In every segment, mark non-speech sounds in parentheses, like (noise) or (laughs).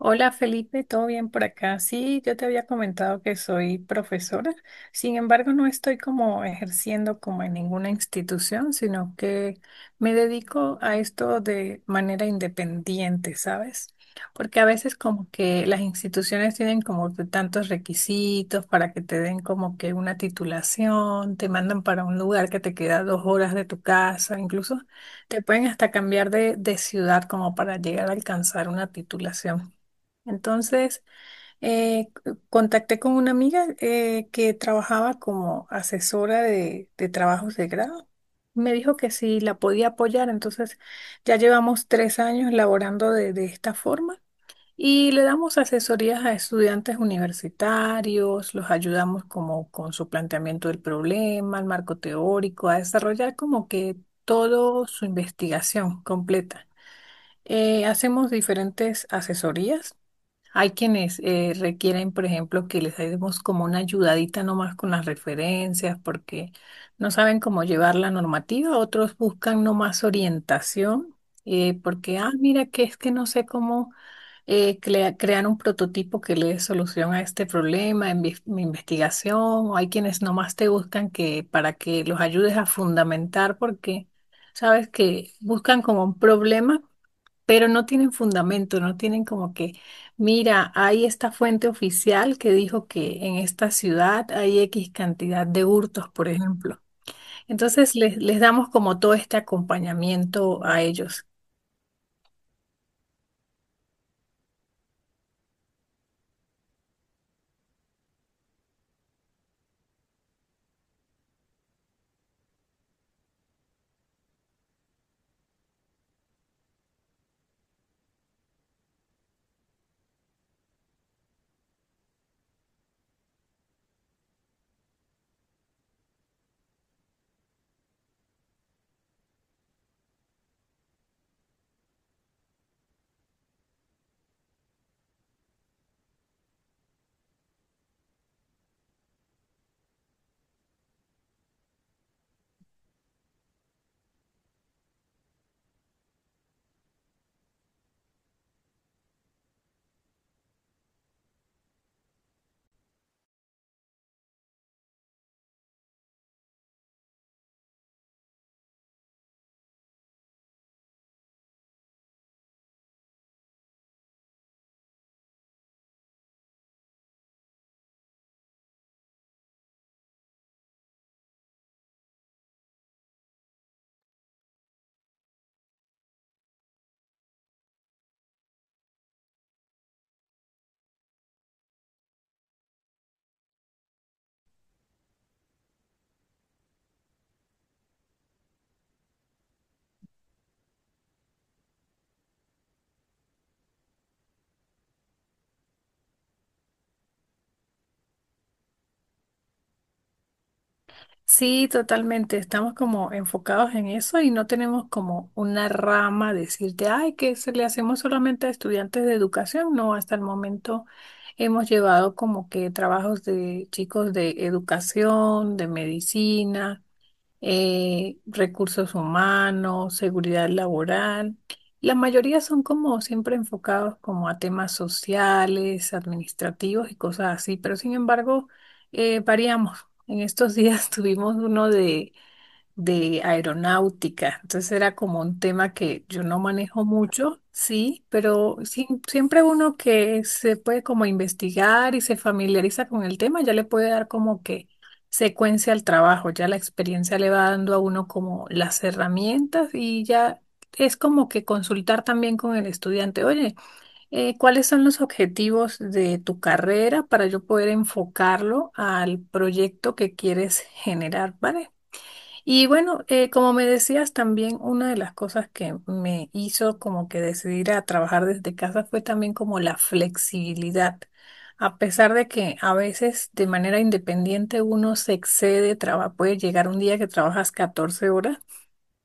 Hola Felipe, ¿todo bien por acá? Sí, yo te había comentado que soy profesora, sin embargo no estoy como ejerciendo como en ninguna institución, sino que me dedico a esto de manera independiente, ¿sabes? Porque a veces como que las instituciones tienen como que tantos requisitos para que te den como que una titulación, te mandan para un lugar que te queda 2 horas de tu casa, incluso te pueden hasta cambiar de ciudad como para llegar a alcanzar una titulación. Entonces, contacté con una amiga que trabajaba como asesora de trabajos de grado. Me dijo que si la podía apoyar, entonces ya llevamos 3 años laborando de esta forma y le damos asesorías a estudiantes universitarios, los ayudamos como con su planteamiento del problema, el marco teórico, a desarrollar como que toda su investigación completa. Hacemos diferentes asesorías, hay quienes requieren, por ejemplo, que les demos como una ayudadita nomás con las referencias porque no saben cómo llevar la normativa. Otros buscan nomás orientación, porque, ah, mira, que es que no sé cómo crear un prototipo que le dé solución a este problema en mi investigación. O hay quienes nomás te buscan que para que los ayudes a fundamentar porque sabes que buscan como un problema, pero no tienen fundamento, no tienen como que, mira, hay esta fuente oficial que dijo que en esta ciudad hay X cantidad de hurtos, por ejemplo. Entonces les damos como todo este acompañamiento a ellos. Sí, totalmente, estamos como enfocados en eso y no tenemos como una rama decirte, ay, que se le hacemos solamente a estudiantes de educación. No, hasta el momento hemos llevado como que trabajos de chicos de educación, de medicina, recursos humanos, seguridad laboral. La mayoría son como siempre enfocados como a temas sociales, administrativos y cosas así, pero sin embargo, variamos. En estos días (laughs) tuvimos uno de aeronáutica. Entonces era como un tema que yo no manejo mucho, sí, pero siempre uno que se puede como investigar y se familiariza con el tema, ya le puede dar como que secuencia al trabajo, ya la experiencia le va dando a uno como las herramientas y ya es como que consultar también con el estudiante, oye, ¿cuáles son los objetivos de tu carrera para yo poder enfocarlo al proyecto que quieres generar, ¿vale? Y bueno, como me decías, también una de las cosas que me hizo como que decidir a trabajar desde casa fue también como la flexibilidad. A pesar de que a veces de manera independiente uno se excede, puede llegar un día que trabajas 14 horas.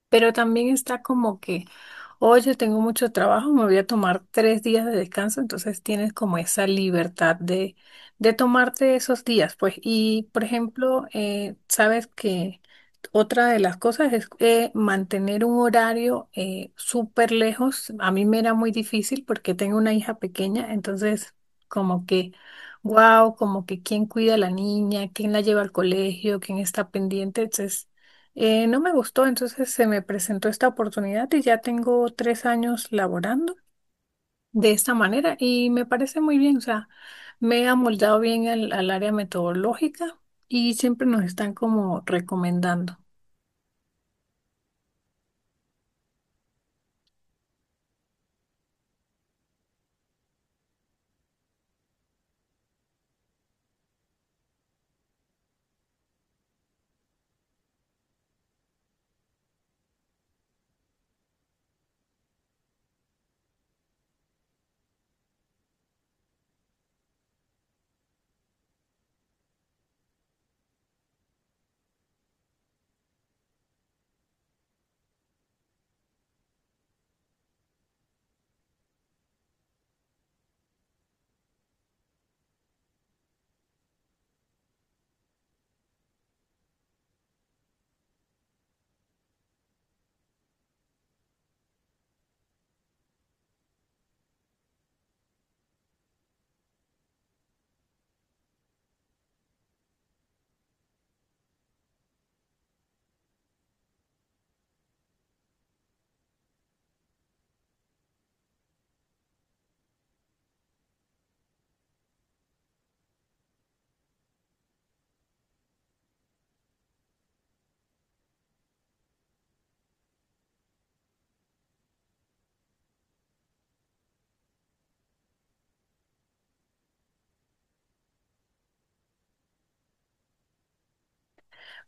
Pero también está como que, oye, tengo mucho trabajo, me voy a tomar 3 días de descanso, entonces tienes como esa libertad de tomarte esos días, pues. Y, por ejemplo, sabes que otra de las cosas es mantener un horario súper lejos. A mí me era muy difícil porque tengo una hija pequeña, entonces como que, wow, como que quién cuida a la niña, quién la lleva al colegio, quién está pendiente, entonces no me gustó, entonces se me presentó esta oportunidad y ya tengo 3 años laborando de esta manera y me parece muy bien, o sea, me he amoldado bien al área metodológica y siempre nos están como recomendando.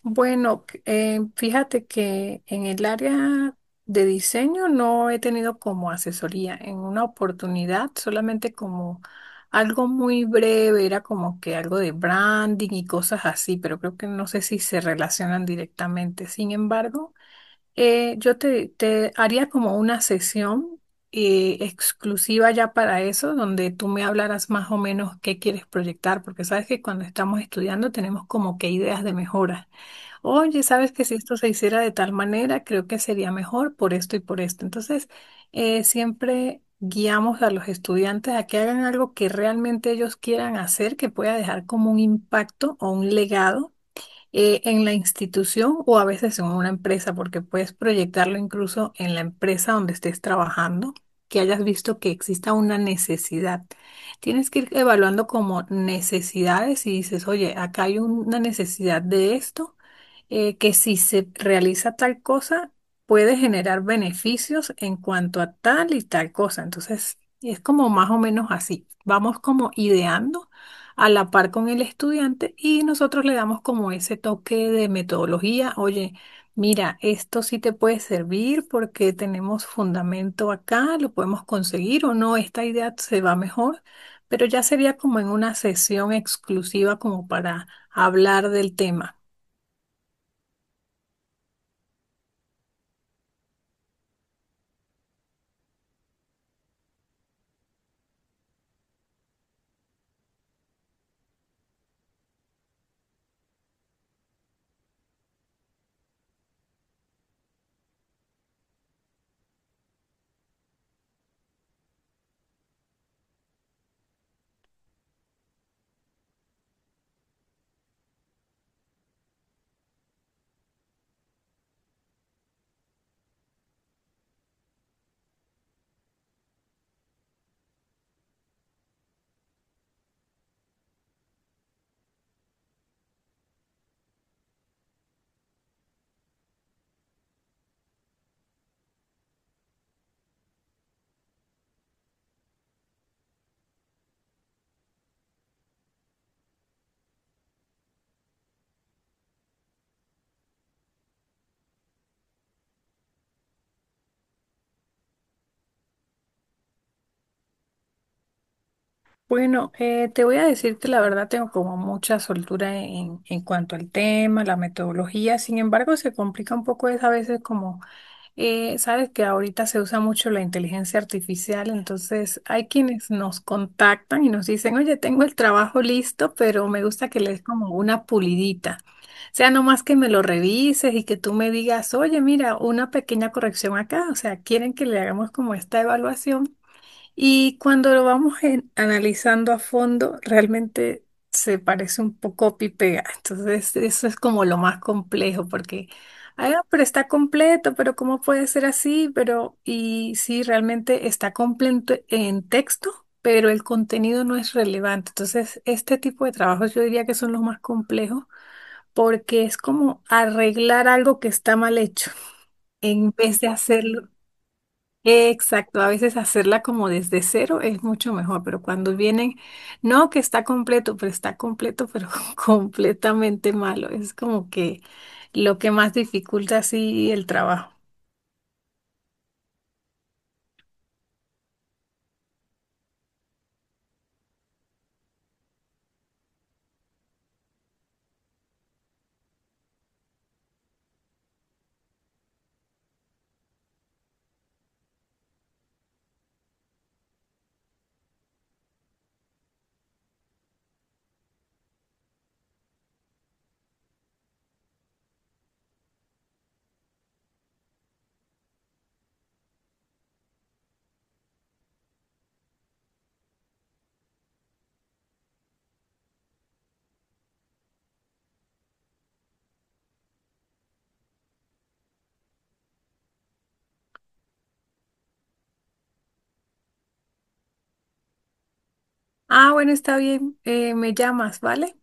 Bueno, fíjate que en el área de diseño no he tenido como asesoría en una oportunidad, solamente como algo muy breve, era como que algo de branding y cosas así, pero creo que no sé si se relacionan directamente. Sin embargo, te haría como una sesión exclusiva ya para eso, donde tú me hablaras más o menos qué quieres proyectar, porque sabes que cuando estamos estudiando tenemos como que ideas de mejora. Oye, sabes que si esto se hiciera de tal manera, creo que sería mejor por esto y por esto. Entonces, siempre guiamos a los estudiantes a que hagan algo que realmente ellos quieran hacer, que pueda dejar como un impacto o un legado, en la institución o a veces en una empresa, porque puedes proyectarlo incluso en la empresa donde estés trabajando, que hayas visto que exista una necesidad. Tienes que ir evaluando como necesidades y dices, oye, acá hay una necesidad de esto, que si se realiza tal cosa, puede generar beneficios en cuanto a tal y tal cosa. Entonces, es como más o menos así. Vamos como ideando a la par con el estudiante y nosotros le damos como ese toque de metodología. Oye, mira, esto sí te puede servir porque tenemos fundamento acá, lo podemos conseguir o no, esta idea se va mejor, pero ya sería como en una sesión exclusiva como para hablar del tema. Bueno, te voy a decir que la verdad tengo como mucha soltura en cuanto al tema, la metodología, sin embargo se complica un poco es a veces como. Sabes que ahorita se usa mucho la inteligencia artificial, entonces hay quienes nos contactan y nos dicen, oye, tengo el trabajo listo, pero me gusta que le des como una pulidita. O sea, no más que me lo revises y que tú me digas, oye, mira, una pequeña corrección acá. O sea, quieren que le hagamos como esta evaluación y cuando lo vamos analizando a fondo, realmente se parece un poco copy y pega. Entonces, eso es como lo más complejo, porque, ah, pero está completo, pero ¿cómo puede ser así? Pero, y sí, realmente está completo en texto, pero el contenido no es relevante. Entonces, este tipo de trabajos yo diría que son los más complejos, porque es como arreglar algo que está mal hecho en vez de hacerlo. Exacto, a veces hacerla como desde cero es mucho mejor, pero cuando vienen, no que está completo, pero (laughs) completamente malo. Es como que lo que más dificulta así el trabajo. Ah, bueno, está bien, me llamas, ¿vale?